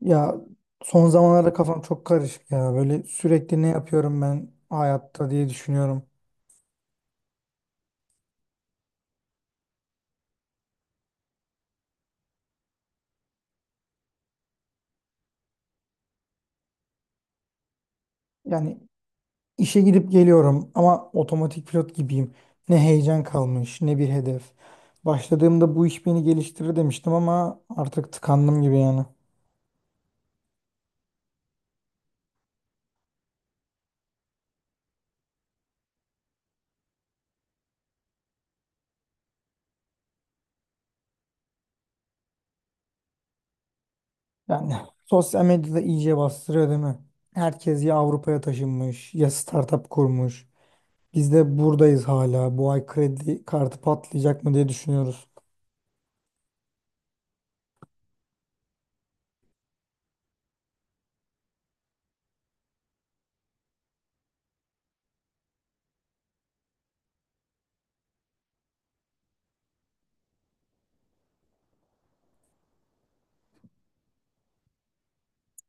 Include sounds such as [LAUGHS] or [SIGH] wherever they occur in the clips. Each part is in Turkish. Ya son zamanlarda kafam çok karışık ya. Böyle sürekli ne yapıyorum ben hayatta diye düşünüyorum. Yani işe gidip geliyorum ama otomatik pilot gibiyim. Ne heyecan kalmış, ne bir hedef. Başladığımda bu iş beni geliştirir demiştim ama artık tıkandım gibi yani. Yani [LAUGHS] sosyal medyada iyice bastırıyor değil mi? Herkes ya Avrupa'ya taşınmış ya startup kurmuş. Biz de buradayız hala. Bu ay kredi kartı patlayacak mı diye düşünüyoruz.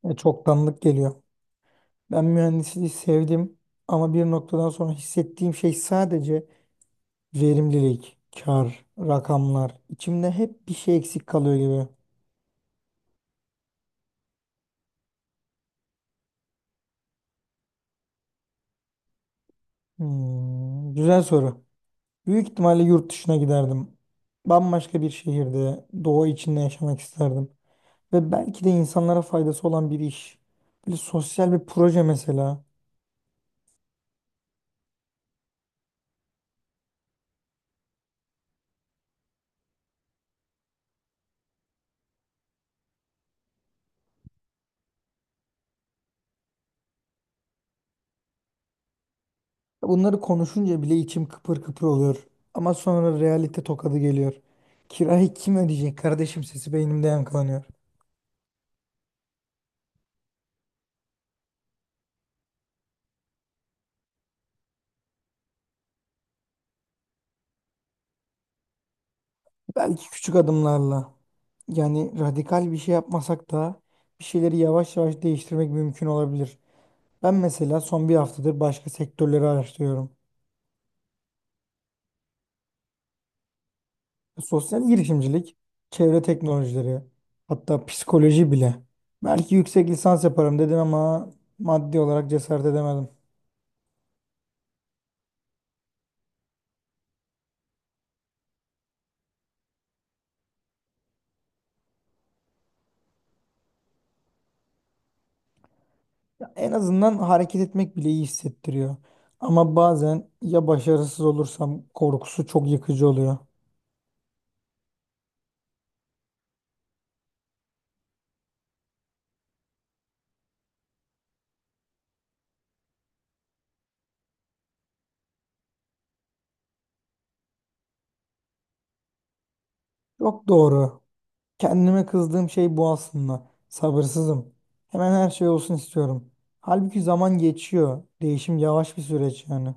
Çoktanlık geliyor. Ben mühendisliği sevdim ama bir noktadan sonra hissettiğim şey sadece verimlilik, kar, rakamlar. İçimde hep bir şey eksik kalıyor gibi. Hmm, güzel soru. Büyük ihtimalle yurt dışına giderdim. Bambaşka bir şehirde, doğa içinde yaşamak isterdim. Ve belki de insanlara faydası olan bir iş. Böyle sosyal bir proje mesela. Bunları konuşunca bile içim kıpır kıpır oluyor. Ama sonra realite tokadı geliyor. Kirayı kim ödeyecek kardeşim sesi beynimde yankılanıyor. Belki küçük adımlarla yani radikal bir şey yapmasak da bir şeyleri yavaş yavaş değiştirmek mümkün olabilir. Ben mesela son 1 haftadır başka sektörleri araştırıyorum. Sosyal girişimcilik, çevre teknolojileri, hatta psikoloji bile. Belki yüksek lisans yaparım dedim ama maddi olarak cesaret edemedim. En azından hareket etmek bile iyi hissettiriyor. Ama bazen ya başarısız olursam korkusu çok yıkıcı oluyor. Çok doğru. Kendime kızdığım şey bu aslında. Sabırsızım. Hemen her şey olsun istiyorum. Halbuki zaman geçiyor. Değişim yavaş bir süreç yani.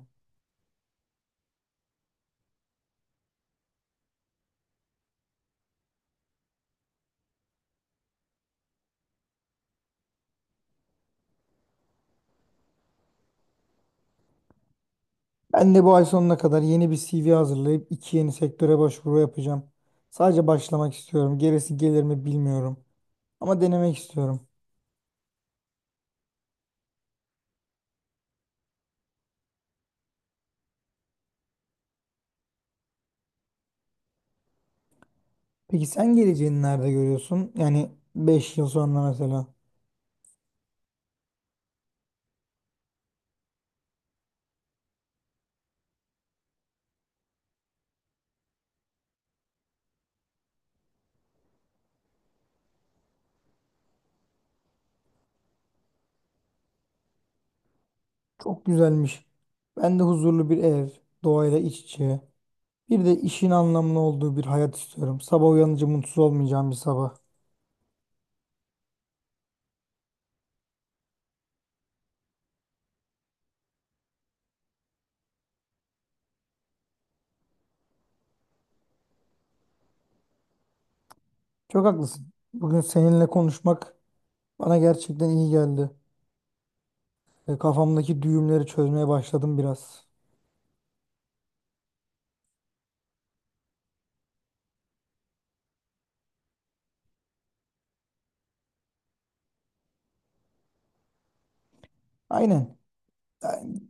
Ben de bu ay sonuna kadar yeni bir CV hazırlayıp iki yeni sektöre başvuru yapacağım. Sadece başlamak istiyorum. Gerisi gelir mi bilmiyorum. Ama denemek istiyorum. Peki sen geleceğini nerede görüyorsun? Yani 5 yıl sonra mesela. Çok güzelmiş. Ben de huzurlu bir ev, doğayla iç içe. Bir de işin anlamlı olduğu bir hayat istiyorum. Sabah uyanınca mutsuz olmayacağım bir sabah. Çok haklısın. Bugün seninle konuşmak bana gerçekten iyi geldi. Kafamdaki düğümleri çözmeye başladım biraz. Aynen. Yani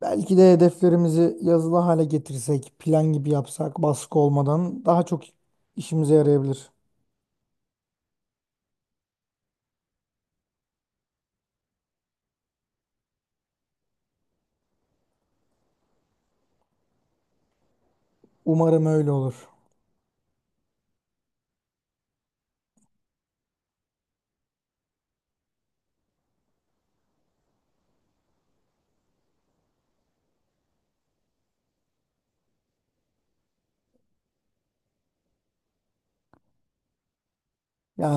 belki de hedeflerimizi yazılı hale getirsek, plan gibi yapsak, baskı olmadan daha çok işimize yarayabilir. Umarım öyle olur. Ya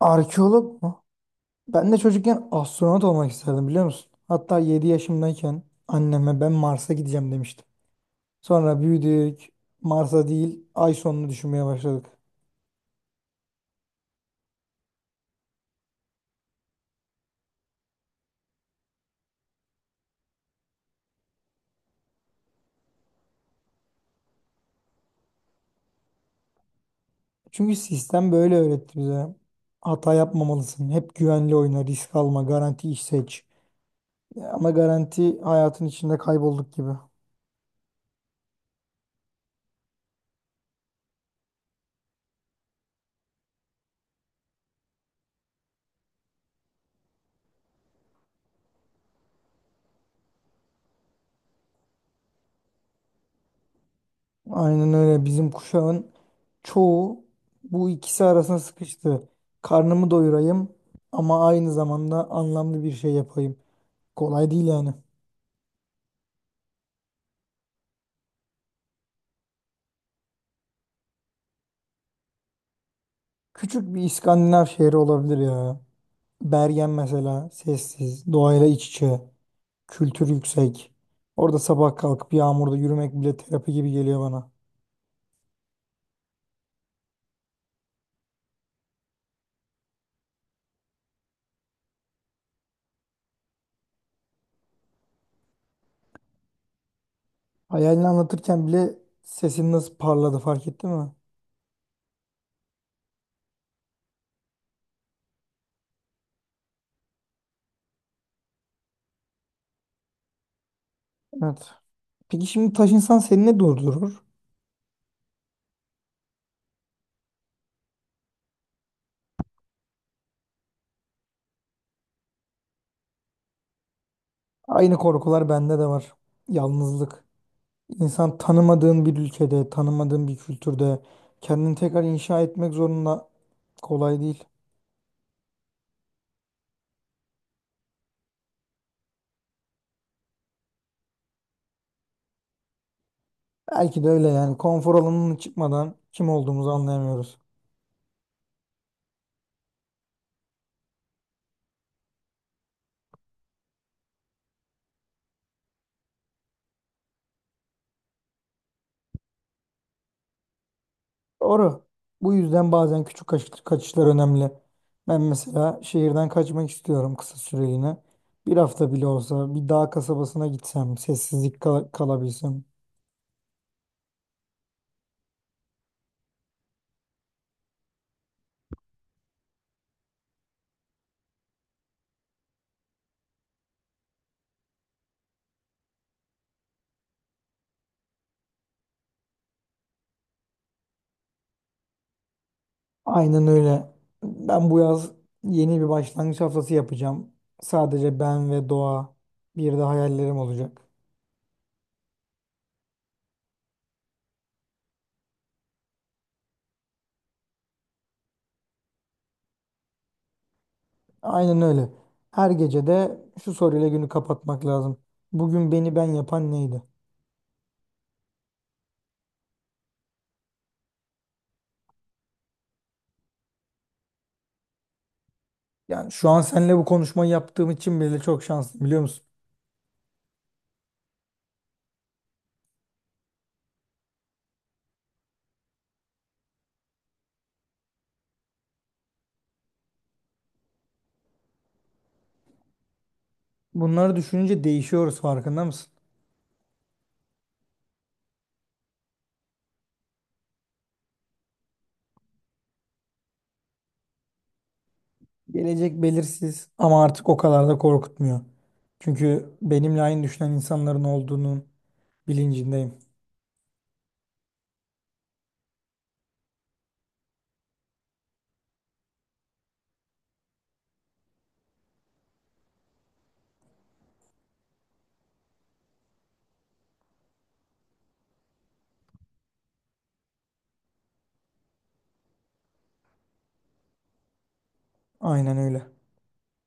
arkeolog mu? Ben de çocukken astronot olmak isterdim biliyor musun? Hatta 7 yaşımdayken anneme ben Mars'a gideceğim demiştim. Sonra büyüdük. Mars'a değil, ay sonunu düşünmeye başladık. Çünkü sistem böyle öğretti bize. Hata yapmamalısın. Hep güvenli oyna, risk alma, garanti iş seç. Ama garanti hayatın içinde kaybolduk gibi. Aynen öyle. Bizim kuşağın çoğu bu ikisi arasına sıkıştı. Karnımı doyurayım ama aynı zamanda anlamlı bir şey yapayım. Kolay değil yani. Küçük bir İskandinav şehri olabilir ya. Bergen mesela sessiz, doğayla iç içe. Kültür yüksek. Orada sabah kalkıp yağmurda yürümek bile terapi gibi geliyor bana. Hayalini anlatırken bile sesin nasıl parladı fark ettin mi? Evet. Peki şimdi taş insan seni ne durdurur? Aynı korkular bende de var. Yalnızlık. İnsan tanımadığın bir ülkede, tanımadığın bir kültürde kendini tekrar inşa etmek zorunda kolay değil. Belki de öyle yani konfor alanının çıkmadan kim olduğumuzu anlayamıyoruz. Doğru. Bu yüzden bazen küçük kaçışlar önemli. Ben mesela şehirden kaçmak istiyorum kısa süreliğine. 1 hafta bile olsa bir dağ kasabasına gitsem, sessizlik kalabilsem. Aynen öyle. Ben bu yaz yeni bir başlangıç haftası yapacağım. Sadece ben ve doğa. Bir de hayallerim olacak. Aynen öyle. Her gece de şu soruyla günü kapatmak lazım. Bugün beni ben yapan neydi? Yani şu an seninle bu konuşmayı yaptığım için bile çok şanslıyım biliyor musun? Bunları düşününce değişiyoruz farkında mısın? Gelecek belirsiz ama artık o kadar da korkutmuyor. Çünkü benimle aynı düşünen insanların olduğunun bilincindeyim. Aynen öyle.